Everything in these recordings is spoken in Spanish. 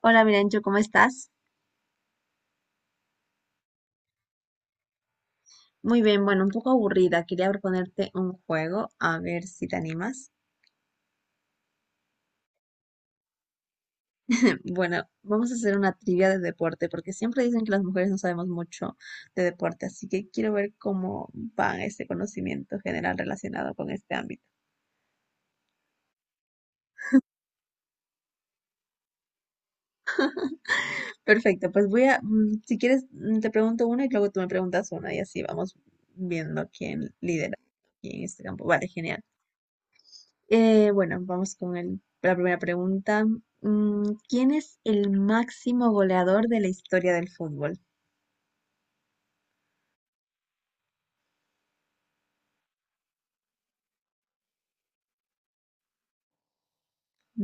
Hola, Mirancho, ¿cómo estás? Muy bien, bueno, un poco aburrida. Quería proponerte un juego, a ver si te animas. Bueno, vamos a hacer una trivia de deporte, porque siempre dicen que las mujeres no sabemos mucho de deporte, así que quiero ver cómo va ese conocimiento general relacionado con este ámbito. Perfecto, pues si quieres, te pregunto una y luego tú me preguntas una y así vamos viendo quién lidera aquí en este campo. Vale, genial. Bueno, vamos con la primera pregunta. Mm, ¿Quién es el máximo goleador de la historia del fútbol?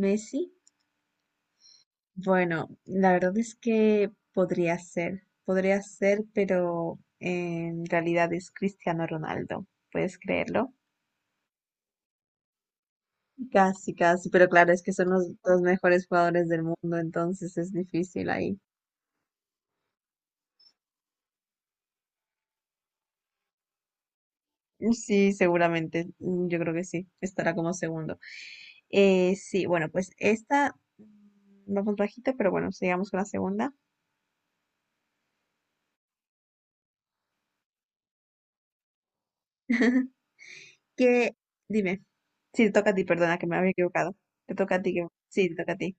¿Messi? Bueno, la verdad es que podría ser, pero en realidad es Cristiano Ronaldo, ¿puedes creerlo? Casi, casi, pero claro, es que son los dos mejores jugadores del mundo, entonces es difícil ahí. Sí, seguramente. Mm, Yo creo que sí. Estará como segundo. Sí, bueno, pues esta, vamos bajita, pero bueno, sigamos con la segunda. ¿Qué? Dime. Sí, te toca a ti, perdona que me había equivocado. Te toca a ti. Sí, te toca a ti.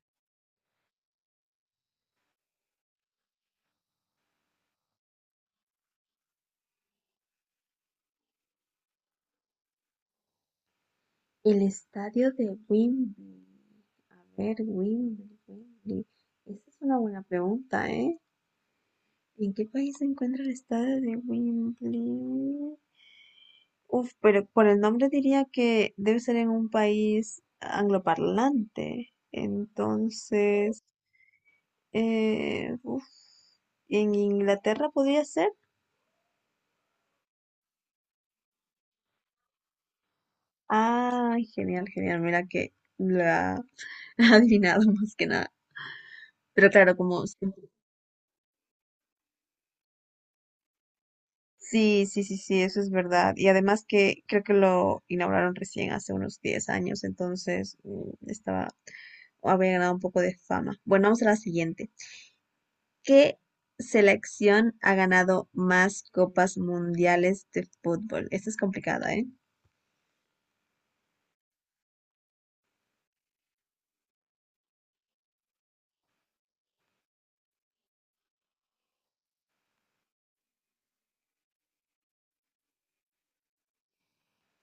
El estadio de Wembley. A ver, Wembley, Wembley. Esa es una buena pregunta, ¿eh? ¿En qué país se encuentra el estadio de Wembley? Uf, pero por el nombre diría que debe ser en un país angloparlante. Entonces, eh, uf, ¿en Inglaterra podría ser? Ah, genial, genial. Mira que la ha adivinado más que nada. Pero claro, como... siempre- Sí, sí, sí, sí, eso es verdad. Y además que creo que lo inauguraron recién hace unos 10 años, entonces estaba, había ganado un poco de fama. Bueno, vamos a la siguiente. ¿Qué selección ha ganado más copas mundiales de fútbol? Esto es complicado, ¿eh?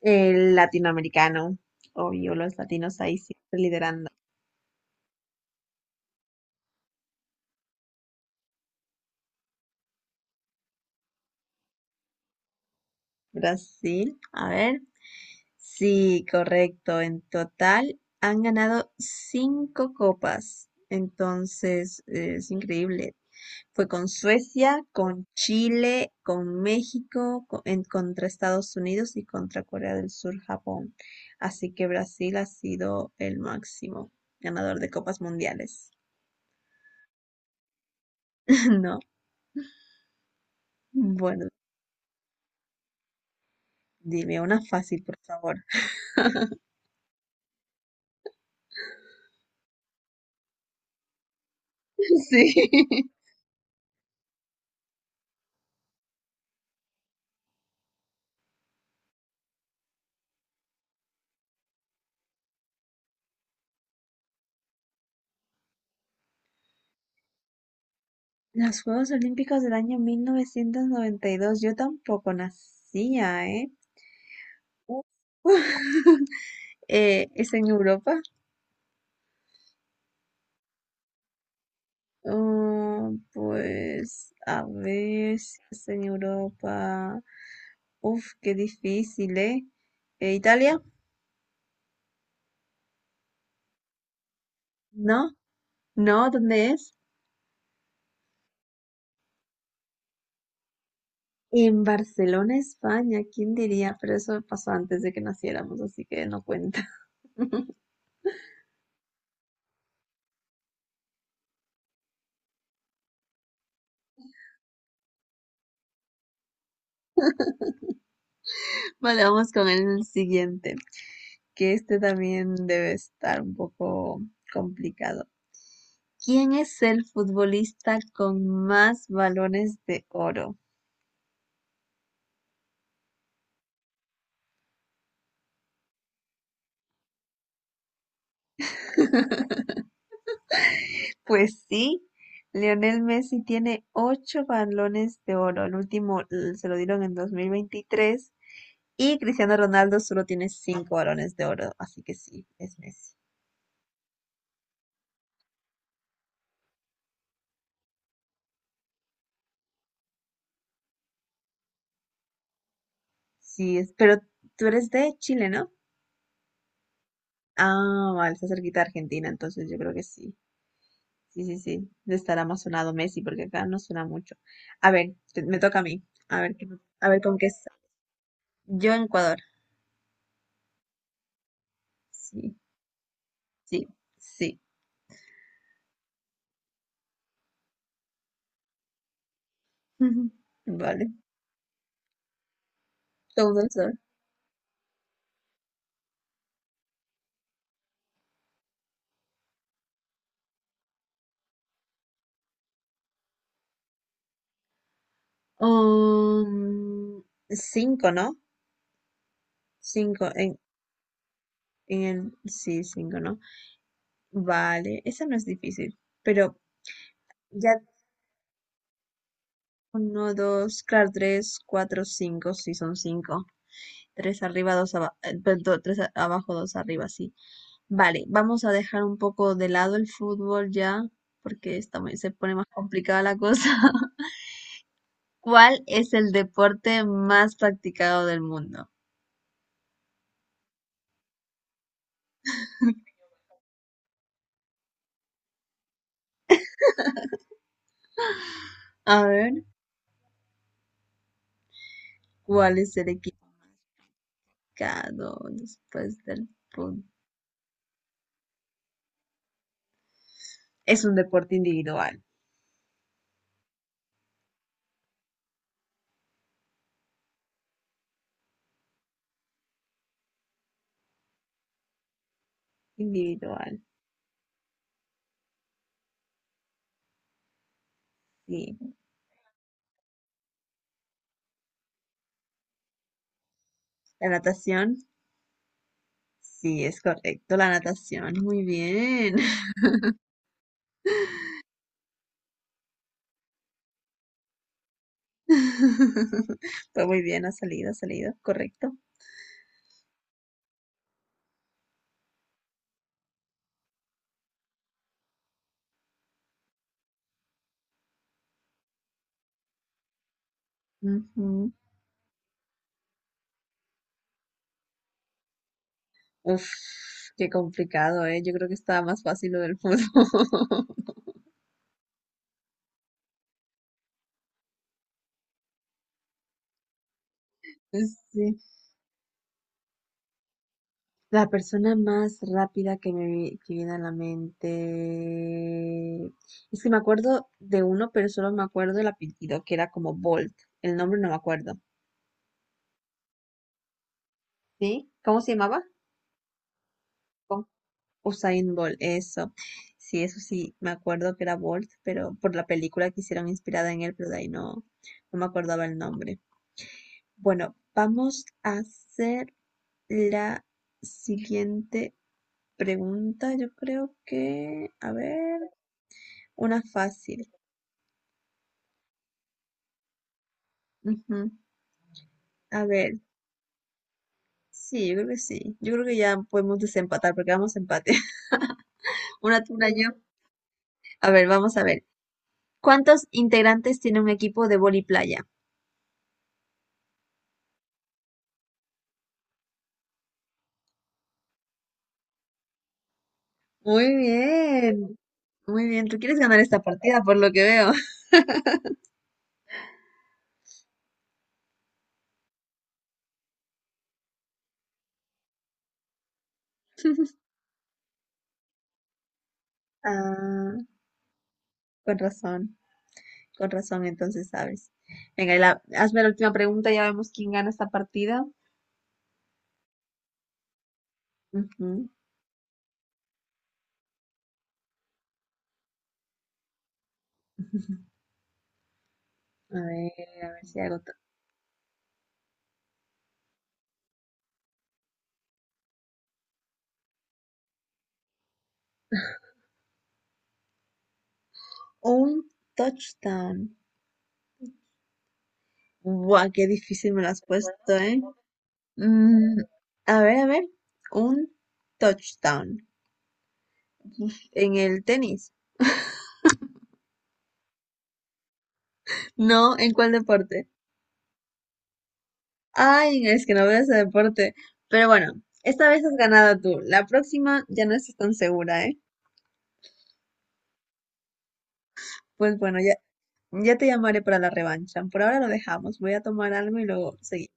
El latinoamericano, obvio, los latinos ahí siempre liderando. Brasil, a ver. Sí, correcto. En total han ganado cinco copas. Entonces, es increíble. Fue con Suecia, con Chile, con México, contra Estados Unidos y contra Corea del Sur, Japón. Así que Brasil ha sido el máximo ganador de copas mundiales. No, bueno, dime una fácil, por favor. Sí. Los Juegos Olímpicos del año 1992, yo tampoco nacía, ¿eh? Uf. ¿Es en Europa? Ah, pues a ver si es en Europa. Uf, qué difícil, ¿eh? ¿Italia? No, no, ¿dónde es? En Barcelona, España, ¿quién diría? Pero eso pasó antes de que naciéramos, así que no cuenta. Vale, vamos con el siguiente, que este también debe estar un poco complicado. ¿Quién es el futbolista con más balones de oro? Pues sí, Lionel Messi tiene ocho balones de oro. El último, se lo dieron en 2023 y Cristiano Ronaldo solo tiene cinco balones de oro. Así que sí, es Messi. Sí, es, pero tú eres de Chile, ¿no? Ah, vale, está cerquita de Argentina, entonces yo creo que sí. Sí, sí, sí. Le estará más sonado Messi porque acá no suena mucho. A ver, me toca a mí. A ver, a ver con qué es. Yo en Ecuador. Sí, sí, sí. Vale. Todo el mundo. Um, Cinco, ¿no? Cinco, en sí, cinco, ¿no? Vale, esa no es difícil, pero ya uno, dos, claro, tres, cuatro, cinco, sí, son cinco. Tres arriba, dos abajo, tres abajo, dos arriba, sí. Vale, vamos a dejar un poco de lado el fútbol ya, porque está se pone más complicada la cosa. ¿Cuál es el deporte más practicado del mundo? A ver, ¿cuál es el equipo? Claro, después del punto. Es un deporte individual, individual, sí. La natación, sí, es correcto, la natación, muy bien. Pues muy bien, ha salido, correcto. Ujú. Uf, qué complicado, ¿eh? Yo creo que estaba más fácil lo del fútbol. Sí. La persona más rápida que que viene a la mente. Es que me acuerdo de uno, pero solo me acuerdo el apellido, que era como Bolt. El nombre no me acuerdo. ¿Sí? ¿Cómo se llamaba? Con Usain Bolt, eso. Sí, eso sí, me acuerdo que era Bolt, pero por la película que hicieron inspirada en él, pero de ahí no, no me acordaba el nombre. Bueno, vamos a hacer la siguiente pregunta. Yo creo que. A ver. Una fácil. Ujú. A ver, sí, yo creo que sí. Yo creo que ya podemos desempatar porque vamos a empate. Una tú, una yo. A ver, vamos a ver. ¿Cuántos integrantes tiene un equipo de vóley playa? Muy bien, muy bien. Tú quieres ganar esta partida por lo que veo. Ah, con razón, con razón, entonces sabes. Venga, y hazme la última pregunta, ya vemos quién gana esta partida. Ujú. A ver si hago un touchdown. Buah, qué difícil me lo has puesto, ¿eh? Mm, a ver, a ver. Un touchdown. En el tenis. No, ¿en cuál deporte? Ay, es que no veo ese deporte. Pero bueno, esta vez has ganado tú. La próxima ya no estás tan segura, ¿eh? Pues bueno, ya, ya te llamaré para la revancha. Por ahora lo dejamos. Voy a tomar algo y luego seguimos.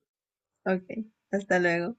Ok, hasta luego.